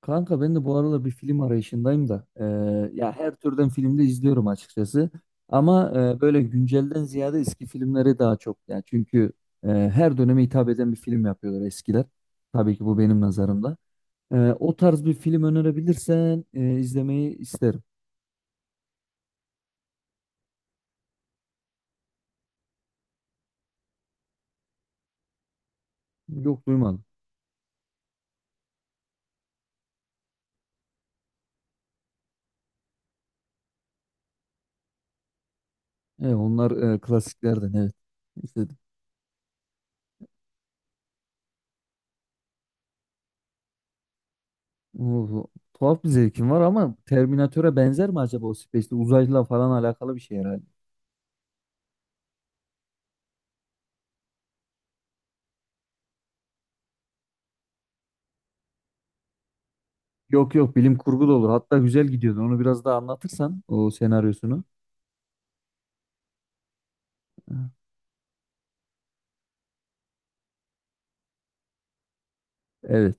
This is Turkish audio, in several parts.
Kanka ben de bu aralar bir film arayışındayım da, ya her türden filmde izliyorum açıkçası ama böyle güncelden ziyade eski filmleri daha çok, yani çünkü her döneme hitap eden bir film yapıyorlar eskiler, tabii ki bu benim nazarımda. O tarz bir film önerebilirsen izlemeyi isterim. Yok, duymadım. Onlar klasiklerden, evet, izledim. Oo, tuhaf bir zevkim var ama Terminatör'e benzer mi acaba? O Space'te uzayla falan alakalı bir şey herhalde. Yok yok, bilim kurgu da olur. Hatta güzel gidiyordu. Onu biraz daha anlatırsan o senaryosunu. Evet.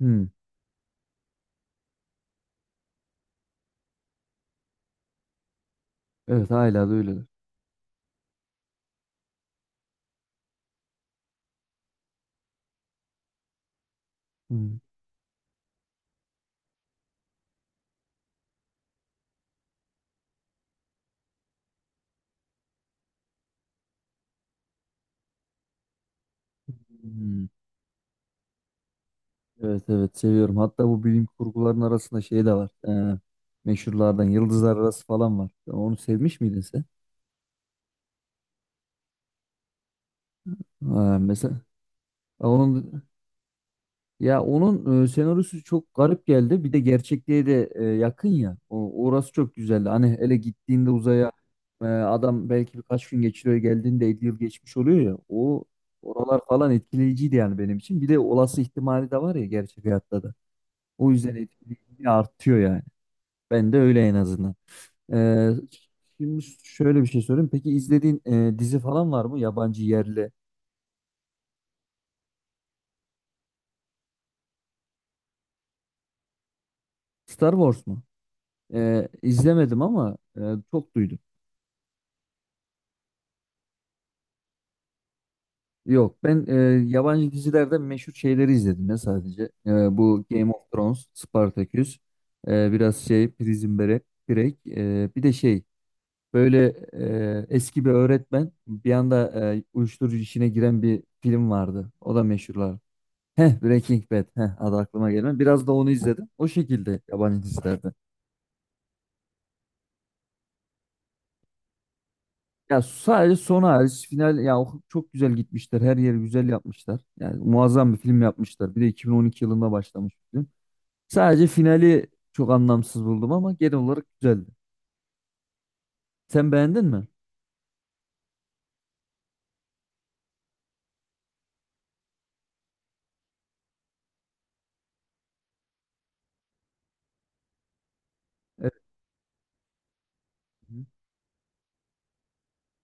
Hmm. Evet hala da öyledir. Hmm. Hmm. Evet evet, seviyorum. Hatta bu bilim kurguların arasında şey de var. Meşhurlardan Yıldızlar Arası falan var. Onu sevmiş miydin sen? Ha, mesela onun. Ya onun senaryosu çok garip geldi. Bir de gerçekliğe de yakın ya. O, orası çok güzeldi. Hani hele gittiğinde uzaya, adam belki birkaç gün geçiriyor, geldiğinde 50 yıl geçmiş oluyor ya. O oralar falan etkileyiciydi yani benim için. Bir de olası ihtimali de var ya gerçek hayatta da. O yüzden etkileyiciliği artıyor yani. Ben de öyle en azından. E, şimdi şöyle bir şey sorayım. Peki izlediğin dizi falan var mı? Yabancı, yerli. Star Wars mu? E, izlemedim ama çok duydum. Yok, ben yabancı dizilerden meşhur şeyleri izledim ya sadece. Bu Game of Thrones, Spartacus, biraz şey Prison Break, bir de şey, böyle eski bir öğretmen bir anda uyuşturucu işine giren bir film vardı. O da meşhurlar. Heh, Breaking Bad. Heh, adı aklıma gelmedi. Biraz da onu izledim. O şekilde yabancı dizilerde. Ya sadece son hariç, final ya, o çok güzel gitmişler. Her yeri güzel yapmışlar. Yani muazzam bir film yapmışlar. Bir de 2012 yılında başlamış. Sadece finali çok anlamsız buldum ama genel olarak güzeldi. Sen beğendin mi? Evet.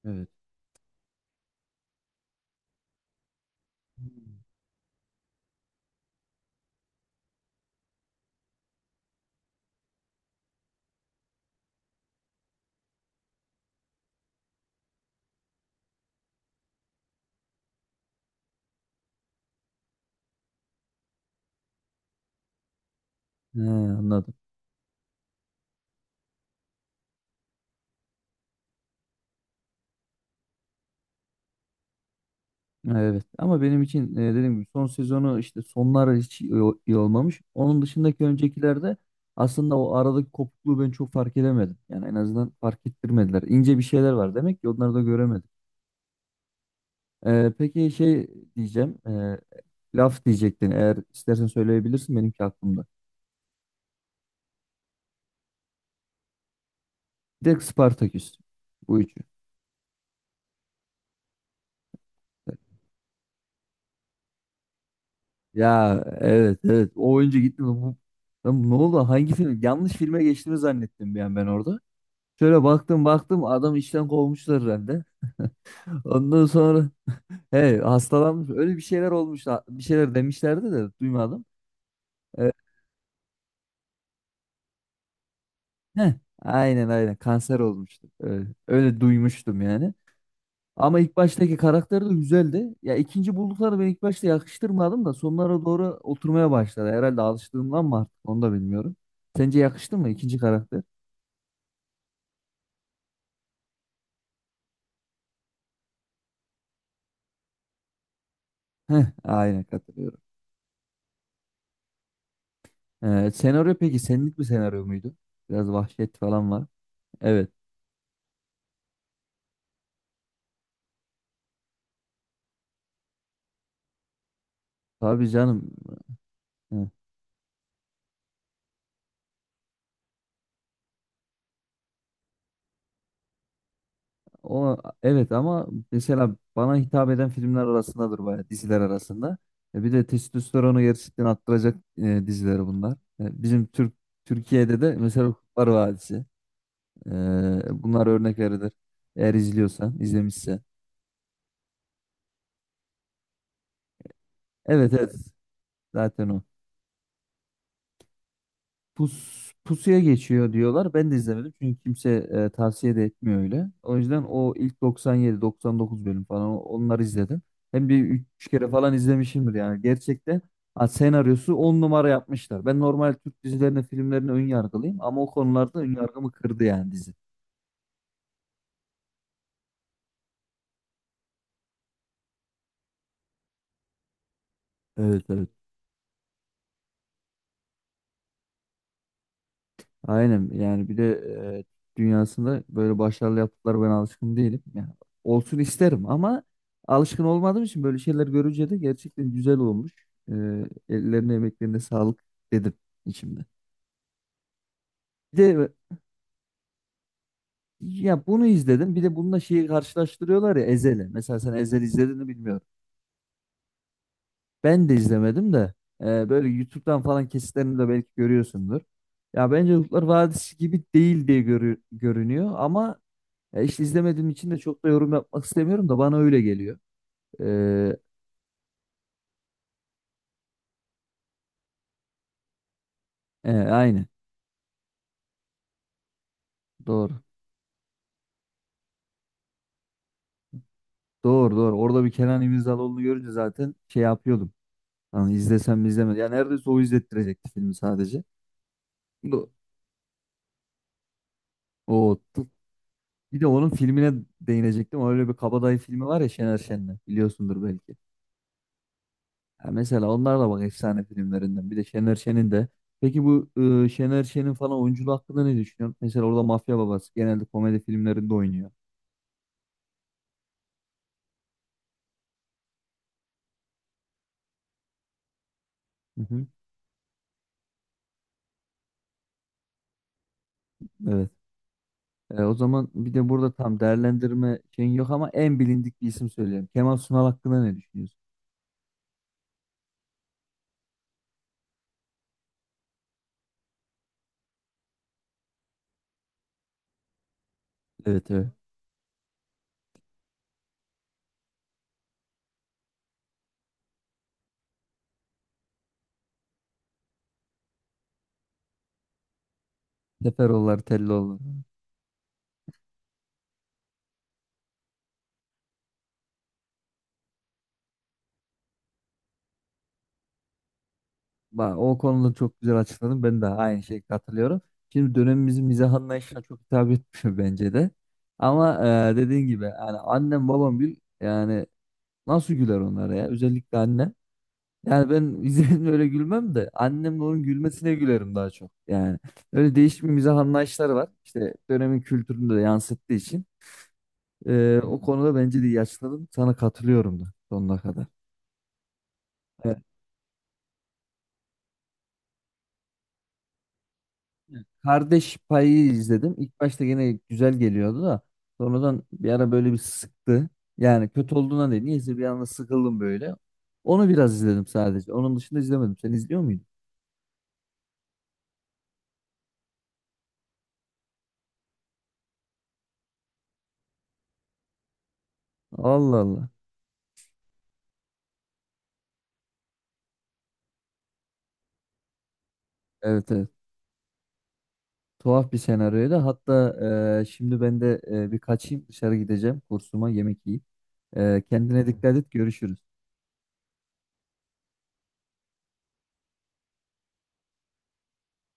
Evet. He, anladım. Evet ama benim için dediğim gibi son sezonu, işte sonlar hiç iyi olmamış. Onun dışındaki öncekilerde aslında o aradaki kopukluğu ben çok fark edemedim. Yani en azından fark ettirmediler. İnce bir şeyler var demek ki, onları da göremedim. Peki şey diyeceğim. Laf diyecektin, eğer istersen söyleyebilirsin, benimki aklımda. Bir de Spartaküs, bu üçü. Ya evet evet, o oyuncu gitti mi? Lan ne oldu? Hangi film? Yanlış filme geçtiğimi zannettim bir an ben orada. Şöyle baktım baktım, adam işten kovmuşlar herhalde. Ondan sonra he, hastalanmış, öyle bir şeyler olmuş, bir şeyler demişlerdi de duymadım. Evet. Heh, aynen aynen, kanser olmuştu. Evet, öyle duymuştum yani. Ama ilk baştaki karakter de güzeldi. Ya ikinci buldukları ben ilk başta yakıştırmadım da sonlara doğru oturmaya başladı. Herhalde alıştığımdan mı, artık onu da bilmiyorum. Sence yakıştı mı ikinci karakter? Heh, aynen katılıyorum. Senaryo peki senlik bir senaryo muydu? Biraz vahşet falan var. Evet. Tabii canım. Heh, o, evet ama mesela bana hitap eden filmler arasındadır bayağı, diziler arasında. Bir de testosteronu gerçekten arttıracak diziler bunlar. Bizim Türkiye'de de mesela Kurtlar Vadisi. E, bunlar örnek verilir. Eğer izliyorsan, izlemişsen. Evet evet. Zaten o. Pusuya geçiyor diyorlar. Ben de izlemedim çünkü kimse tavsiye de etmiyor öyle. O yüzden o ilk 97-99 bölüm falan onları izledim. Hem bir üç kere falan izlemişimdir yani. Gerçekten ha, senaryosu on numara yapmışlar. Ben normal Türk dizilerine, filmlerine ön yargılıyım ama o konularda ön yargımı kırdı yani dizi. Evet evet. Aynen yani, bir de dünyasında böyle başarılı yaptıkları ben alışkın değilim. Yani olsun isterim ama alışkın olmadığım için böyle şeyler görünce de gerçekten güzel olmuş. E, ellerine emeklerine sağlık dedim içimde. Bir de ya, bunu izledim, bir de bununla şeyi karşılaştırıyorlar ya, ezeli. Mesela sen Ezel izlediğini bilmiyorum. Ben de izlemedim de böyle YouTube'dan falan kesitlerini de belki görüyorsundur. Ya bence Kurtlar Vadisi gibi değil diye görünüyor ama. Ya işte izlemediğim için de çok da yorum yapmak istemiyorum da bana öyle geliyor. Ee, aynen. Doğru. Doğru doğru. Orada bir Kenan İmirzalıoğlu'nu görünce zaten şey yapıyordum. Hani izlesem mi izlemedim. Ya neredeyse o izlettirecekti filmi sadece. Do- O, t- bir de onun filmine değinecektim. Öyle bir Kabadayı filmi var ya Şener Şen'le. Biliyorsundur belki. Ya mesela onlar da bak, efsane filmlerinden. Bir de Şener Şen'in de. Peki bu Şener Şen'in falan oyunculuğu hakkında ne düşünüyorsun? Mesela orada mafya babası genelde komedi filmlerinde oynuyor. Hı hı. Evet. O zaman bir de burada tam değerlendirme şeyin yok ama en bilindik bir isim söyleyeyim. Kemal Sunal hakkında ne düşünüyorsun? Evet evet. Seferoğulları, Telloğulları. Bak, o konuda çok güzel açıkladın. Ben de aynı şeyi katılıyorum. Şimdi dönemimizin mizah anlayışına çok hitap etmiş bence de. Ama dediğin gibi yani annem babam gül yani, nasıl güler onlara ya? Özellikle annem. Yani ben izlediğimde öyle gülmem de annemle onun gülmesine gülerim daha çok. Yani öyle değişik bir mizah anlayışları var. İşte dönemin kültürünü de yansıttığı için. O konuda bence de iyi açıkladın. Sana katılıyorum da sonuna kadar. Evet. Kardeş Payı izledim. İlk başta gene güzel geliyordu da sonradan bir ara böyle bir sıktı. Yani kötü olduğuna değil. Niyeyse bir anda sıkıldım böyle. Onu biraz izledim sadece. Onun dışında izlemedim. Sen izliyor muydun? Allah Allah. Evet evet. Tuhaf bir senaryoydu. Hatta şimdi ben de bir kaçayım dışarı gideceğim. Kursuma yemek yiyeyim. Kendine dikkat et. Görüşürüz.